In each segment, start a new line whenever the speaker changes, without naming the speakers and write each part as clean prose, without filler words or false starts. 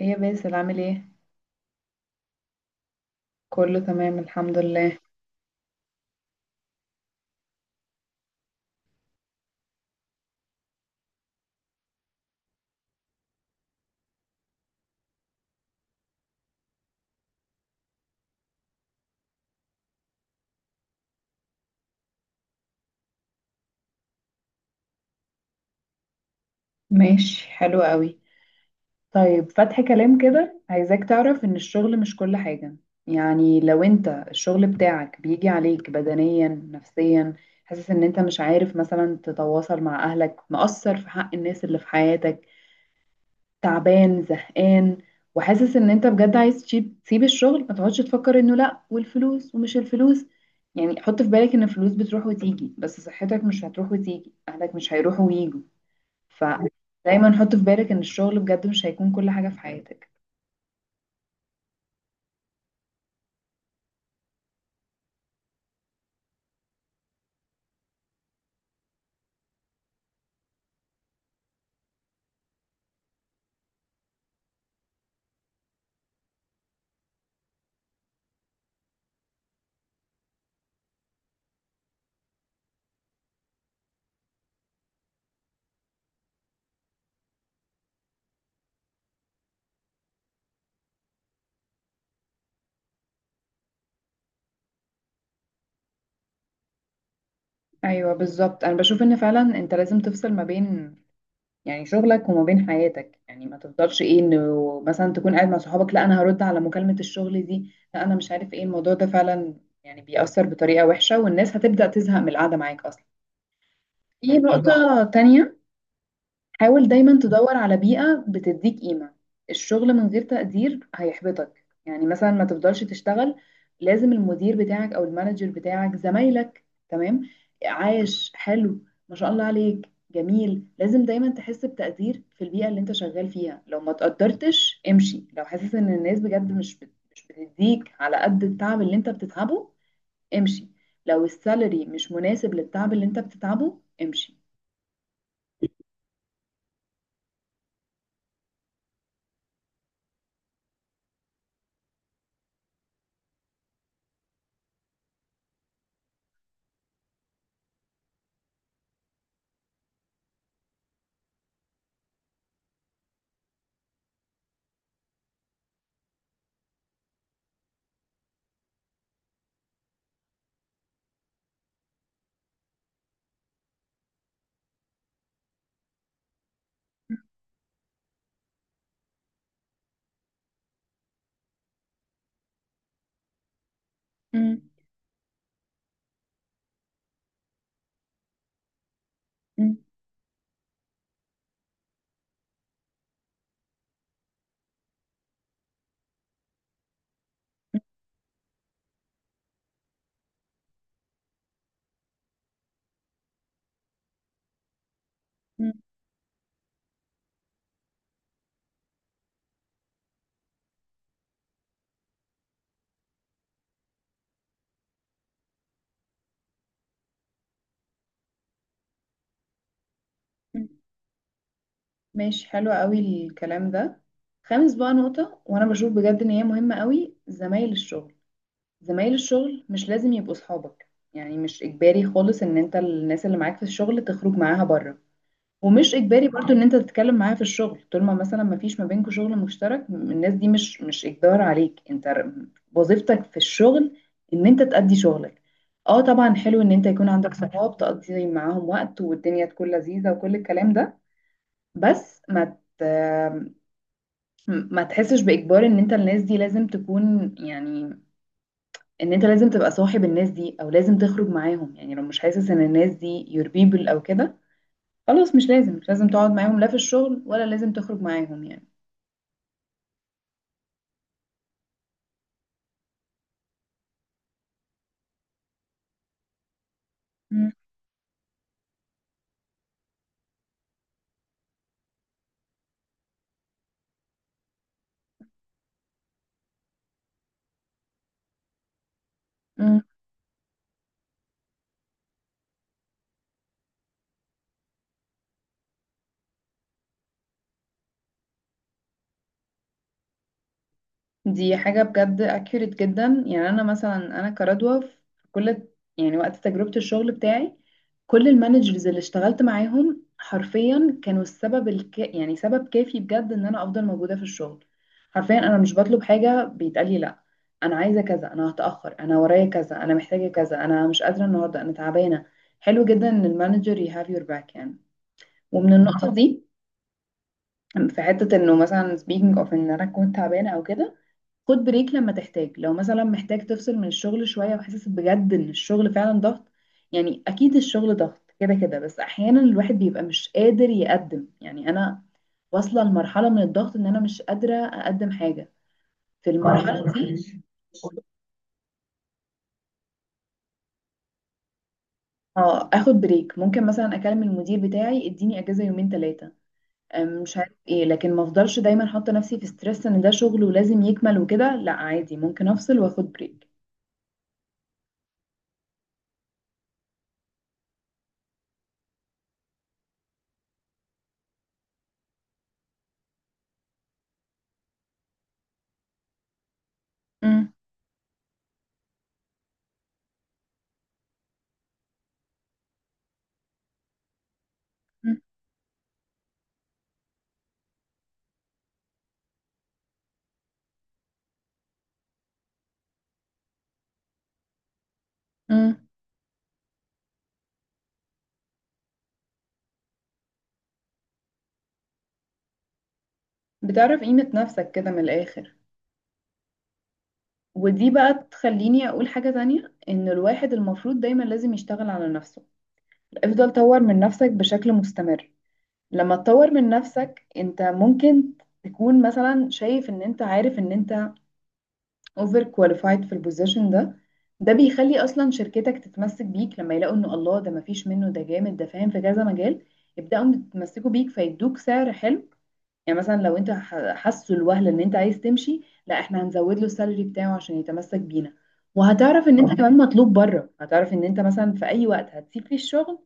ايه يا باسل، عامل ايه؟ كله تمام، الحمد لله. ماشي، حلو قوي. طيب، فتح كلام كده، عايزاك تعرف ان الشغل مش كل حاجة. يعني لو انت الشغل بتاعك بيجي عليك بدنيا نفسيا، حاسس ان انت مش عارف مثلا تتواصل مع اهلك، مقصر في حق الناس اللي في حياتك، تعبان، زهقان، وحاسس ان انت بجد عايز تسيب الشغل ما تقعدش تفكر انه لا والفلوس ومش الفلوس. يعني حط في بالك ان الفلوس بتروح وتيجي، بس صحتك مش هتروح وتيجي، اهلك مش هيروحوا ويجوا. فدايما حط في بالك ان الشغل بجد مش هيكون كل حاجة في حياتك. ايوه، بالظبط. انا بشوف ان فعلا انت لازم تفصل ما بين، يعني شغلك وما بين حياتك. يعني ما تفضلش ايه، انه مثلا تكون قاعد مع صحابك، لا انا هرد على مكالمة الشغل دي، لا انا مش عارف ايه الموضوع ده فعلا. يعني بيأثر بطريقة وحشة، والناس هتبدأ تزهق من القعدة معاك اصلا. في أكيد نقطة تانية، حاول دايما تدور على بيئة بتديك قيمة. الشغل من غير تقدير هيحبطك، يعني مثلا ما تفضلش تشتغل. لازم المدير بتاعك او المانجر بتاعك، زمايلك تمام، عايش حلو، ما شاء الله عليك جميل. لازم دايما تحس بتقدير في البيئة اللي انت شغال فيها. لو ما تقدرتش امشي، لو حاسس ان الناس بجد مش بتديك على قد التعب اللي انت بتتعبه، امشي. لو السالري مش مناسب للتعب اللي انت بتتعبه، امشي. مم. مم. مم. ماشي، حلو قوي الكلام ده. خامس بقى نقطة، وانا بشوف بجد ان هي مهمة قوي، زمايل الشغل. زمايل الشغل مش لازم يبقوا صحابك. يعني مش اجباري خالص ان انت الناس اللي معاك في الشغل تخرج معاها بره، ومش اجباري برضو ان انت تتكلم معاها في الشغل طول ما مثلا ما فيش ما بينكم شغل مشترك. الناس دي مش اجبار عليك انت. وظيفتك في الشغل ان انت تأدي شغلك. اه طبعا، حلو ان انت يكون عندك صحاب تقضي معاهم وقت والدنيا تكون لذيذة وكل الكلام ده، بس ما ما تحسش بإجبار ان انت الناس دي لازم تكون، يعني ان انت لازم تبقى صاحب الناس دي او لازم تخرج معاهم. يعني لو مش حاسس ان الناس دي your people او كده، خلاص، مش لازم تقعد معاهم لا في الشغل ولا لازم تخرج معاهم يعني. م- دي حاجة بجد accurate جدا. يعني أنا مثلا، أنا كردوة في كل، يعني وقت تجربة الشغل بتاعي، كل المانجرز اللي اشتغلت معاهم حرفيا كانوا السبب يعني سبب كافي بجد إن أنا أفضل موجودة في الشغل. حرفيا أنا مش بطلب حاجة بيتقالي لأ. أنا عايزة كذا، أنا هتأخر، أنا ورايا كذا، أنا محتاجة كذا، أنا مش قادرة النهاردة، أنا تعبانة. حلو جدا إن المانجر you have your back يعني. ومن النقطة دي في حتة، إنه مثلا speaking of إن أنا كنت تعبانة أو كده، خد بريك لما تحتاج. لو مثلا محتاج تفصل من الشغل شوية وحاسس بجد ان الشغل فعلا ضغط، يعني اكيد الشغل ضغط كده كده، بس احيانا الواحد بيبقى مش قادر يقدم. يعني انا واصلة لمرحلة من الضغط ان انا مش قادرة اقدم حاجة في المرحلة دي. اه، اخد بريك. ممكن مثلا اكلم المدير بتاعي اديني اجازة يومين 3، مش عارف ايه. لكن ما افضلش دايما حاطة نفسي في ستريس ان ده شغل ولازم يكمل وكده. لا، عادي ممكن افصل واخد بريك. بتعرف قيمة نفسك كده من الآخر. ودي بقى تخليني أقول حاجة تانية، إن الواحد المفروض دايما لازم يشتغل على نفسه. افضل طور من نفسك بشكل مستمر. لما تطور من نفسك انت ممكن تكون مثلا شايف ان انت، عارف ان انت اوفر كواليفايد في البوزيشن ده، ده بيخلي اصلا شركتك تتمسك بيك لما يلاقوا ان الله ده مفيش منه، ده جامد، ده فاهم في كذا مجال، يبدأوا يتمسكوا بيك، فيدوك سعر حلو. يعني مثلا لو انت حاسه الوهله ان انت عايز تمشي، لا احنا هنزود له السالري بتاعه عشان يتمسك بينا. وهتعرف ان انت كمان مطلوب بره، هتعرف ان انت مثلا في اي وقت هتسيب فيه الشغل،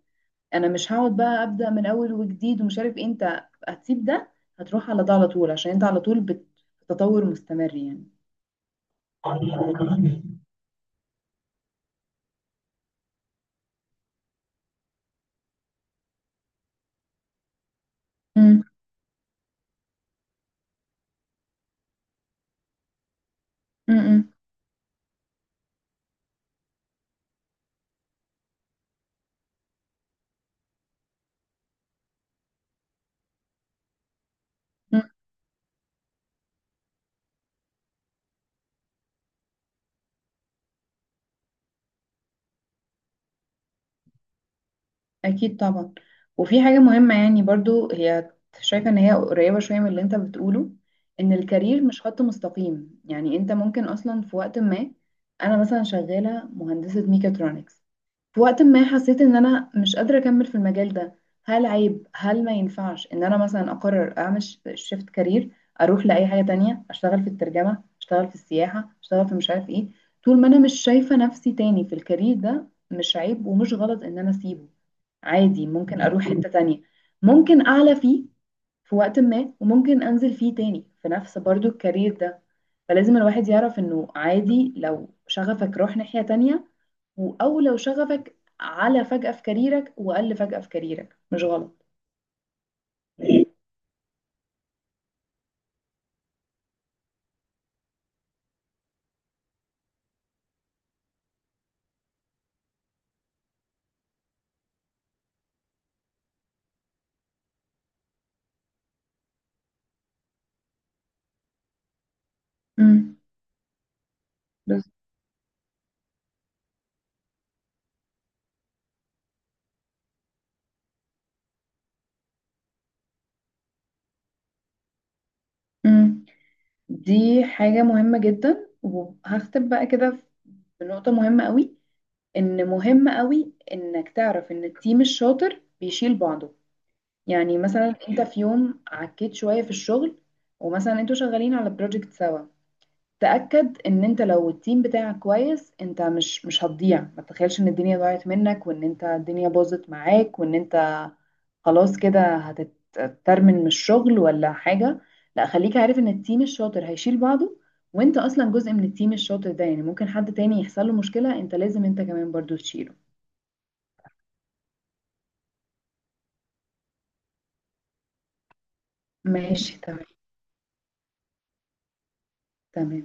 انا مش هقعد بقى ابدا من اول وجديد ومش عارف ايه. انت هتسيب ده هتروح على ده على طول، عشان انت على طول بتتطور مستمر يعني. مم. مم. مم. اكيد طبعا. وفي حاجه مهمه يعني برضو، هي شايفه ان هي قريبه شويه من اللي انت بتقوله، ان الكارير مش خط مستقيم. يعني انت ممكن اصلا في وقت ما، انا مثلا شغاله مهندسه ميكاترونكس، في وقت ما حسيت ان انا مش قادره اكمل في المجال ده. هل عيب؟ هل ما ينفعش ان انا مثلا اقرر اعمل شيفت كارير، اروح لاي حاجه تانية، اشتغل في الترجمه، اشتغل في السياحه، اشتغل في مش عارف ايه؟ طول ما انا مش شايفه نفسي تاني في الكارير ده، مش عيب ومش غلط ان انا اسيبه. عادي ممكن اروح حتة تانية. ممكن اعلى فيه في وقت ما، وممكن انزل فيه تاني في نفس برضو الكارير ده. فلازم الواحد يعرف انه عادي، لو شغفك روح ناحية تانية، او لو شغفك على فجأة في كاريرك، وقل فجأة في كاريرك، مش غلط. مم. مم. دي حاجة مهمة جدا، وهختم بقى كده بنقطة مهمة قوي. ان مهم قوي انك تعرف ان التيم الشاطر بيشيل بعضه. يعني مثلا انت في يوم عكيت شوية في الشغل، ومثلا انتوا شغالين على بروجكت سوا، تأكد ان انت لو التيم بتاعك كويس انت مش هتضيع. ما تتخيلش ان الدنيا ضاعت منك، وان انت الدنيا باظت معاك، وان انت خلاص كده هتترمن من الشغل ولا حاجة. لا، خليك عارف ان التيم الشاطر هيشيل بعضه، وانت اصلا جزء من التيم الشاطر ده. يعني ممكن حد تاني يحصل له مشكلة، انت لازم انت كمان برضو تشيله. ماشي، تمام. تمام.